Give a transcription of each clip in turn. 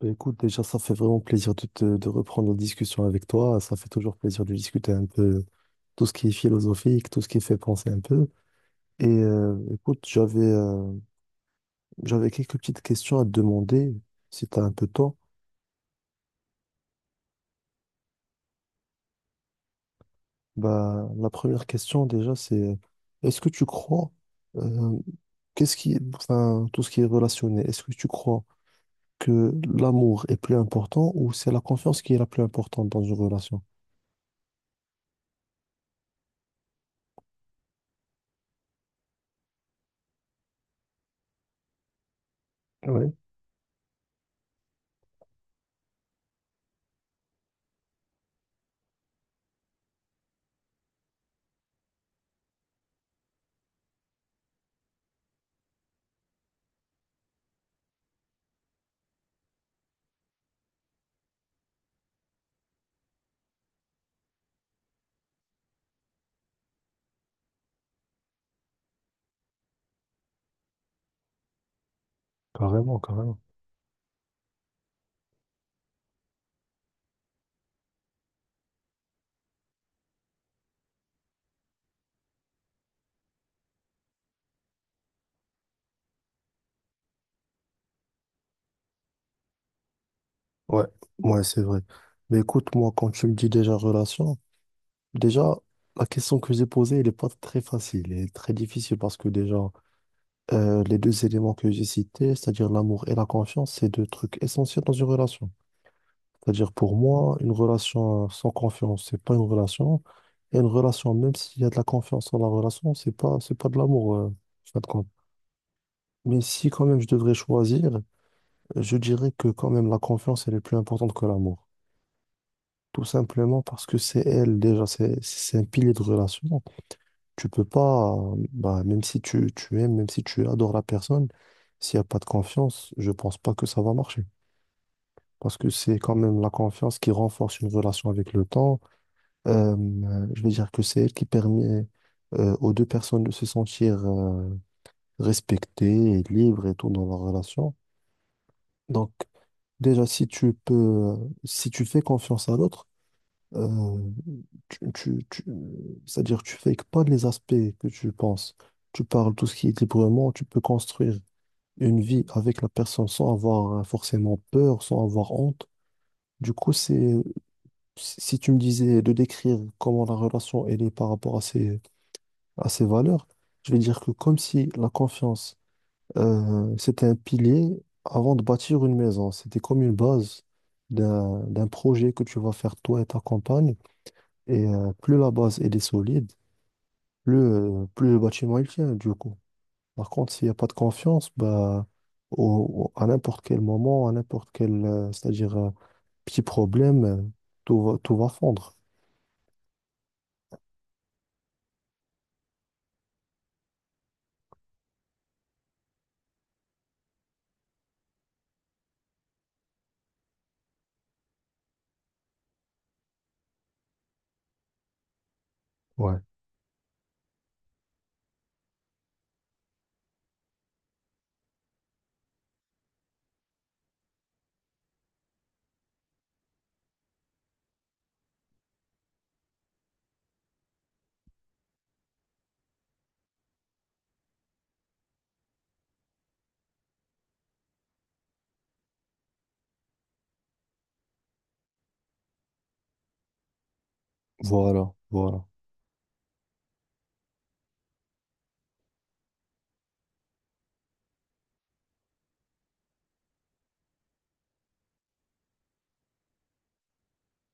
Bah, écoute, déjà, ça fait vraiment plaisir de, de reprendre la discussion avec toi. Ça fait toujours plaisir de discuter un peu tout ce qui est philosophique, tout ce qui fait penser un peu. Et écoute, j'avais quelques petites questions à te demander, si tu as un peu de temps. Bah, la première question, déjà, c'est, est-ce que tu crois, euh, enfin, tout ce qui est relationné, est-ce que tu crois que l'amour est plus important ou c'est la confiance qui est la plus importante dans une relation? Oui, carrément, carrément. Ouais, ouais, c'est vrai. Mais écoute, moi, quand tu me dis déjà relation, déjà, la question que j'ai posée, elle n'est pas très facile, elle est très difficile parce que déjà, les deux éléments que j'ai cités, c'est-à-dire l'amour et la confiance, c'est deux trucs essentiels dans une relation. C'est-à-dire pour moi, une relation sans confiance, c'est pas une relation. Et une relation, même s'il y a de la confiance dans la relation, c'est pas de l'amour, en fin de compte. Mais si quand même je devrais choisir, je dirais que quand même la confiance, elle est plus importante que l'amour. Tout simplement parce que c'est elle, déjà, c'est un pilier de relation. Tu peux pas, bah, même si tu aimes, même si tu adores la personne, s'il n'y a pas de confiance, je pense pas que ça va marcher. Parce que c'est quand même la confiance qui renforce une relation avec le temps. Je veux dire que c'est elle qui permet aux deux personnes de se sentir respectées et libres et tout dans leur relation. Donc, déjà, si tu peux, si tu fais confiance à l'autre, euh, tu, tu, tu- c'est-à-dire tu fakes pas les aspects que tu penses. Tu parles tout ce qui est librement, tu peux construire une vie avec la personne sans avoir forcément peur, sans avoir honte. Du coup, c'est, si tu me disais de décrire comment la relation elle est par rapport à ses valeurs, je vais dire que comme si la confiance, c'était un pilier avant de bâtir une maison. C'était comme une base d'un projet que tu vas faire toi et ta compagne. Et plus la base elle est solide, plus le bâtiment il tient du coup. Par contre, s'il n'y a pas de confiance, bah, à n'importe quel moment, à n'importe quel, c'est-à-dire petit problème, tout va fondre. Ouais. Voilà, voilà.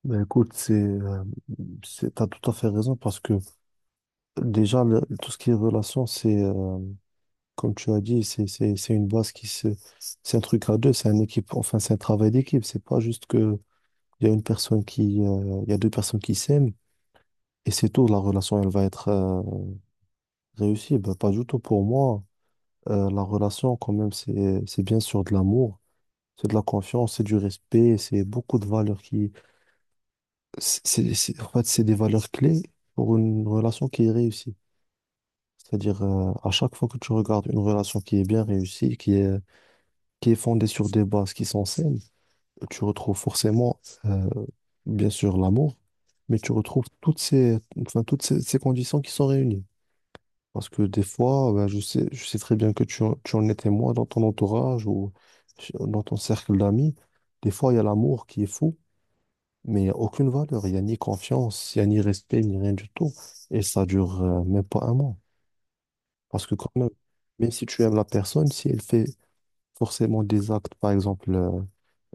Ben écoute, c'est, t'as tout à fait raison parce que déjà, tout ce qui est relation, c'est, comme tu as dit, c'est une base qui, c'est un truc à deux, c'est un équipe, enfin, c'est un travail d'équipe. C'est pas juste que il y a une personne, il y a deux personnes qui s'aiment et c'est tout. La relation, elle va être réussie. Ben, pas du tout pour moi. La relation, quand même, c'est bien sûr de l'amour, c'est de la confiance, c'est du respect, c'est beaucoup de valeurs qui, en fait, c'est des valeurs clés pour une relation qui est réussie. C'est-à-dire, à chaque fois que tu regardes une relation qui est bien réussie, qui est fondée sur des bases qui sont saines, tu retrouves forcément, euh, bien sûr, l'amour, mais tu retrouves enfin, toutes ces conditions qui sont réunies. Parce que des fois, ben, je sais très bien que tu en es témoin dans ton entourage ou dans ton cercle d'amis. Des fois, il y a l'amour qui est fou, mais il n'y a aucune valeur. Il n'y a ni confiance, il n'y a ni respect, ni rien du tout. Et ça dure même pas un mois. Parce que quand même, même si tu aimes la personne, si elle fait forcément des actes, par exemple, euh,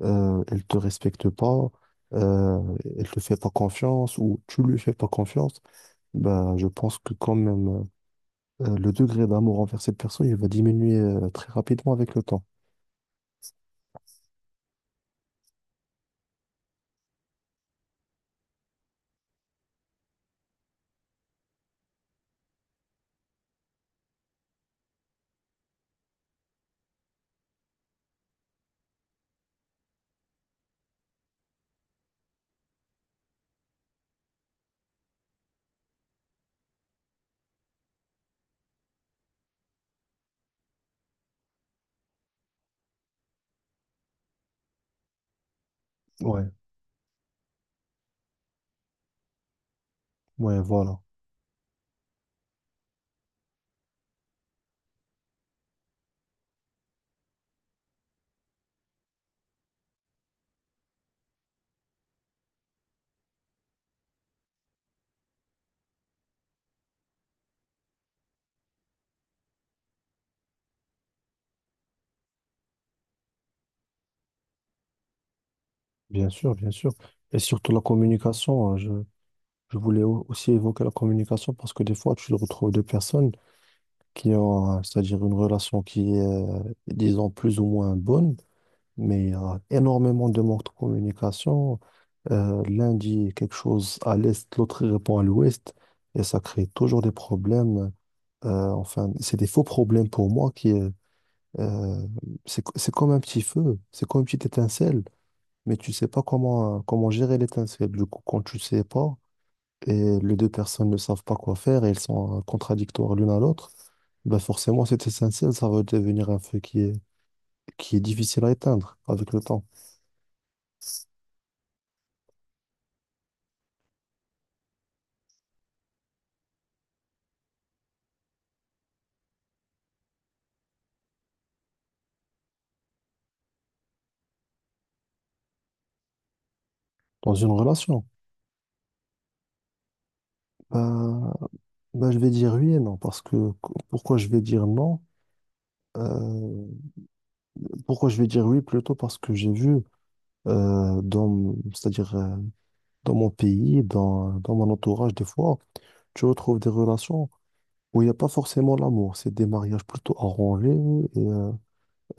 euh, elle te respecte pas, euh, elle te fait pas confiance ou tu lui fais pas confiance, bah, je pense que quand même le degré d'amour envers cette personne, il va diminuer très rapidement avec le temps. Ouais, ouais, voilà. Bien sûr, bien sûr. Et surtout la communication, hein, je voulais aussi évoquer la communication parce que des fois, tu retrouves deux personnes qui, c'est-à-dire une relation qui est, disons, plus ou moins bonne mais il y a énormément de manque de communication. L'un dit quelque chose à l'est, l'autre il répond à l'ouest, et ça crée toujours des problèmes. Enfin, c'est des faux problèmes pour moi qui, euh, c'est comme un petit feu, c'est comme une petite étincelle, mais tu sais pas comment, comment gérer l'étincelle. Du coup, quand tu sais pas, et les deux personnes ne savent pas quoi faire, et elles sont contradictoires l'une à l'autre, ben forcément, cette étincelle, ça va devenir un feu qui est difficile à éteindre avec le temps, dans une relation. Bah, bah, je vais dire oui et non, parce que pourquoi je vais dire non? Euh, Pourquoi je vais dire oui plutôt parce que j'ai vu c'est-à-dire dans mon pays, dans mon entourage, des fois, tu retrouves des relations où il n'y a pas forcément l'amour. C'est des mariages plutôt arrangés et euh,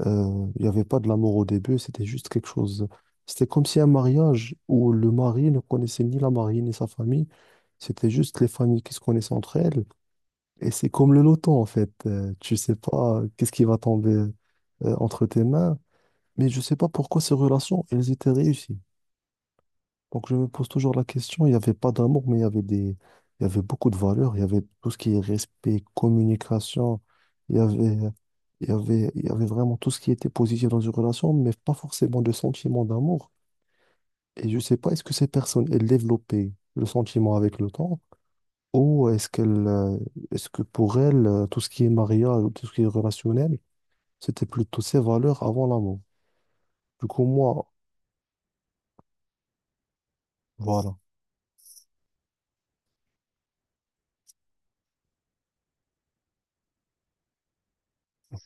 euh, il n'y avait pas de l'amour au début, c'était juste quelque chose. C'était comme si un mariage où le mari ne connaissait ni la mariée ni sa famille, c'était juste les familles qui se connaissaient entre elles. Et c'est comme le loto, en fait. Tu sais pas qu'est-ce qui va tomber entre tes mains. Mais je sais pas pourquoi ces relations, elles étaient réussies. Donc je me pose toujours la question, il n'y avait pas d'amour, mais il y avait des... il y avait beaucoup de valeurs. Il y avait tout ce qui est respect, communication. Il y avait, il y avait vraiment tout ce qui était positif dans une relation, mais pas forcément de sentiment d'amour. Et je sais pas, est-ce que ces personnes, elles développaient le sentiment avec le temps ou est-ce qu'elle, est-ce que pour elle, tout ce qui est mariage, tout ce qui est relationnel, c'était plutôt ses valeurs avant l'amour. Du coup, moi, voilà,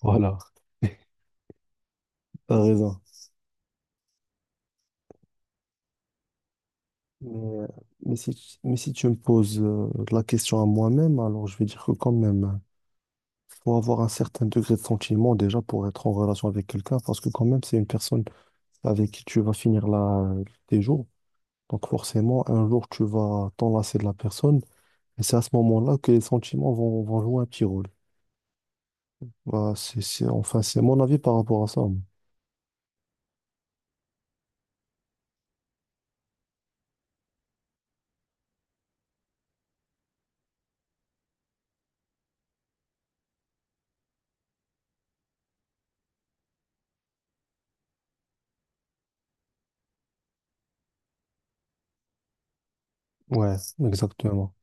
voilà, t'as raison. Mais, euh, mais si, mais si tu me poses la question à moi-même, alors je vais dire que quand même, faut avoir un certain degré de sentiment déjà pour être en relation avec quelqu'un, parce que quand même, c'est une personne avec qui tu vas finir là tes jours. Donc forcément, un jour, tu vas t'enlacer de la personne, et c'est à ce moment-là que les sentiments vont jouer un petit rôle. Voilà, enfin, c'est mon avis par rapport à ça. Ouais, exactement.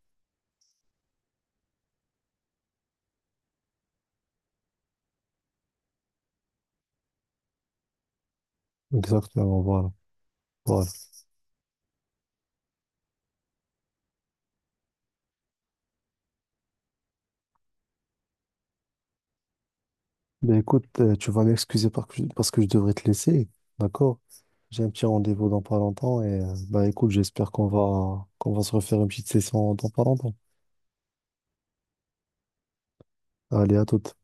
Exactement, voilà. Voilà. Mais écoute, tu vas m'excuser parce que je devrais te laisser, d'accord? J'ai un petit rendez-vous dans pas longtemps et bah écoute, j'espère qu'on va se refaire une petite session dans pas longtemps. Allez, à toute.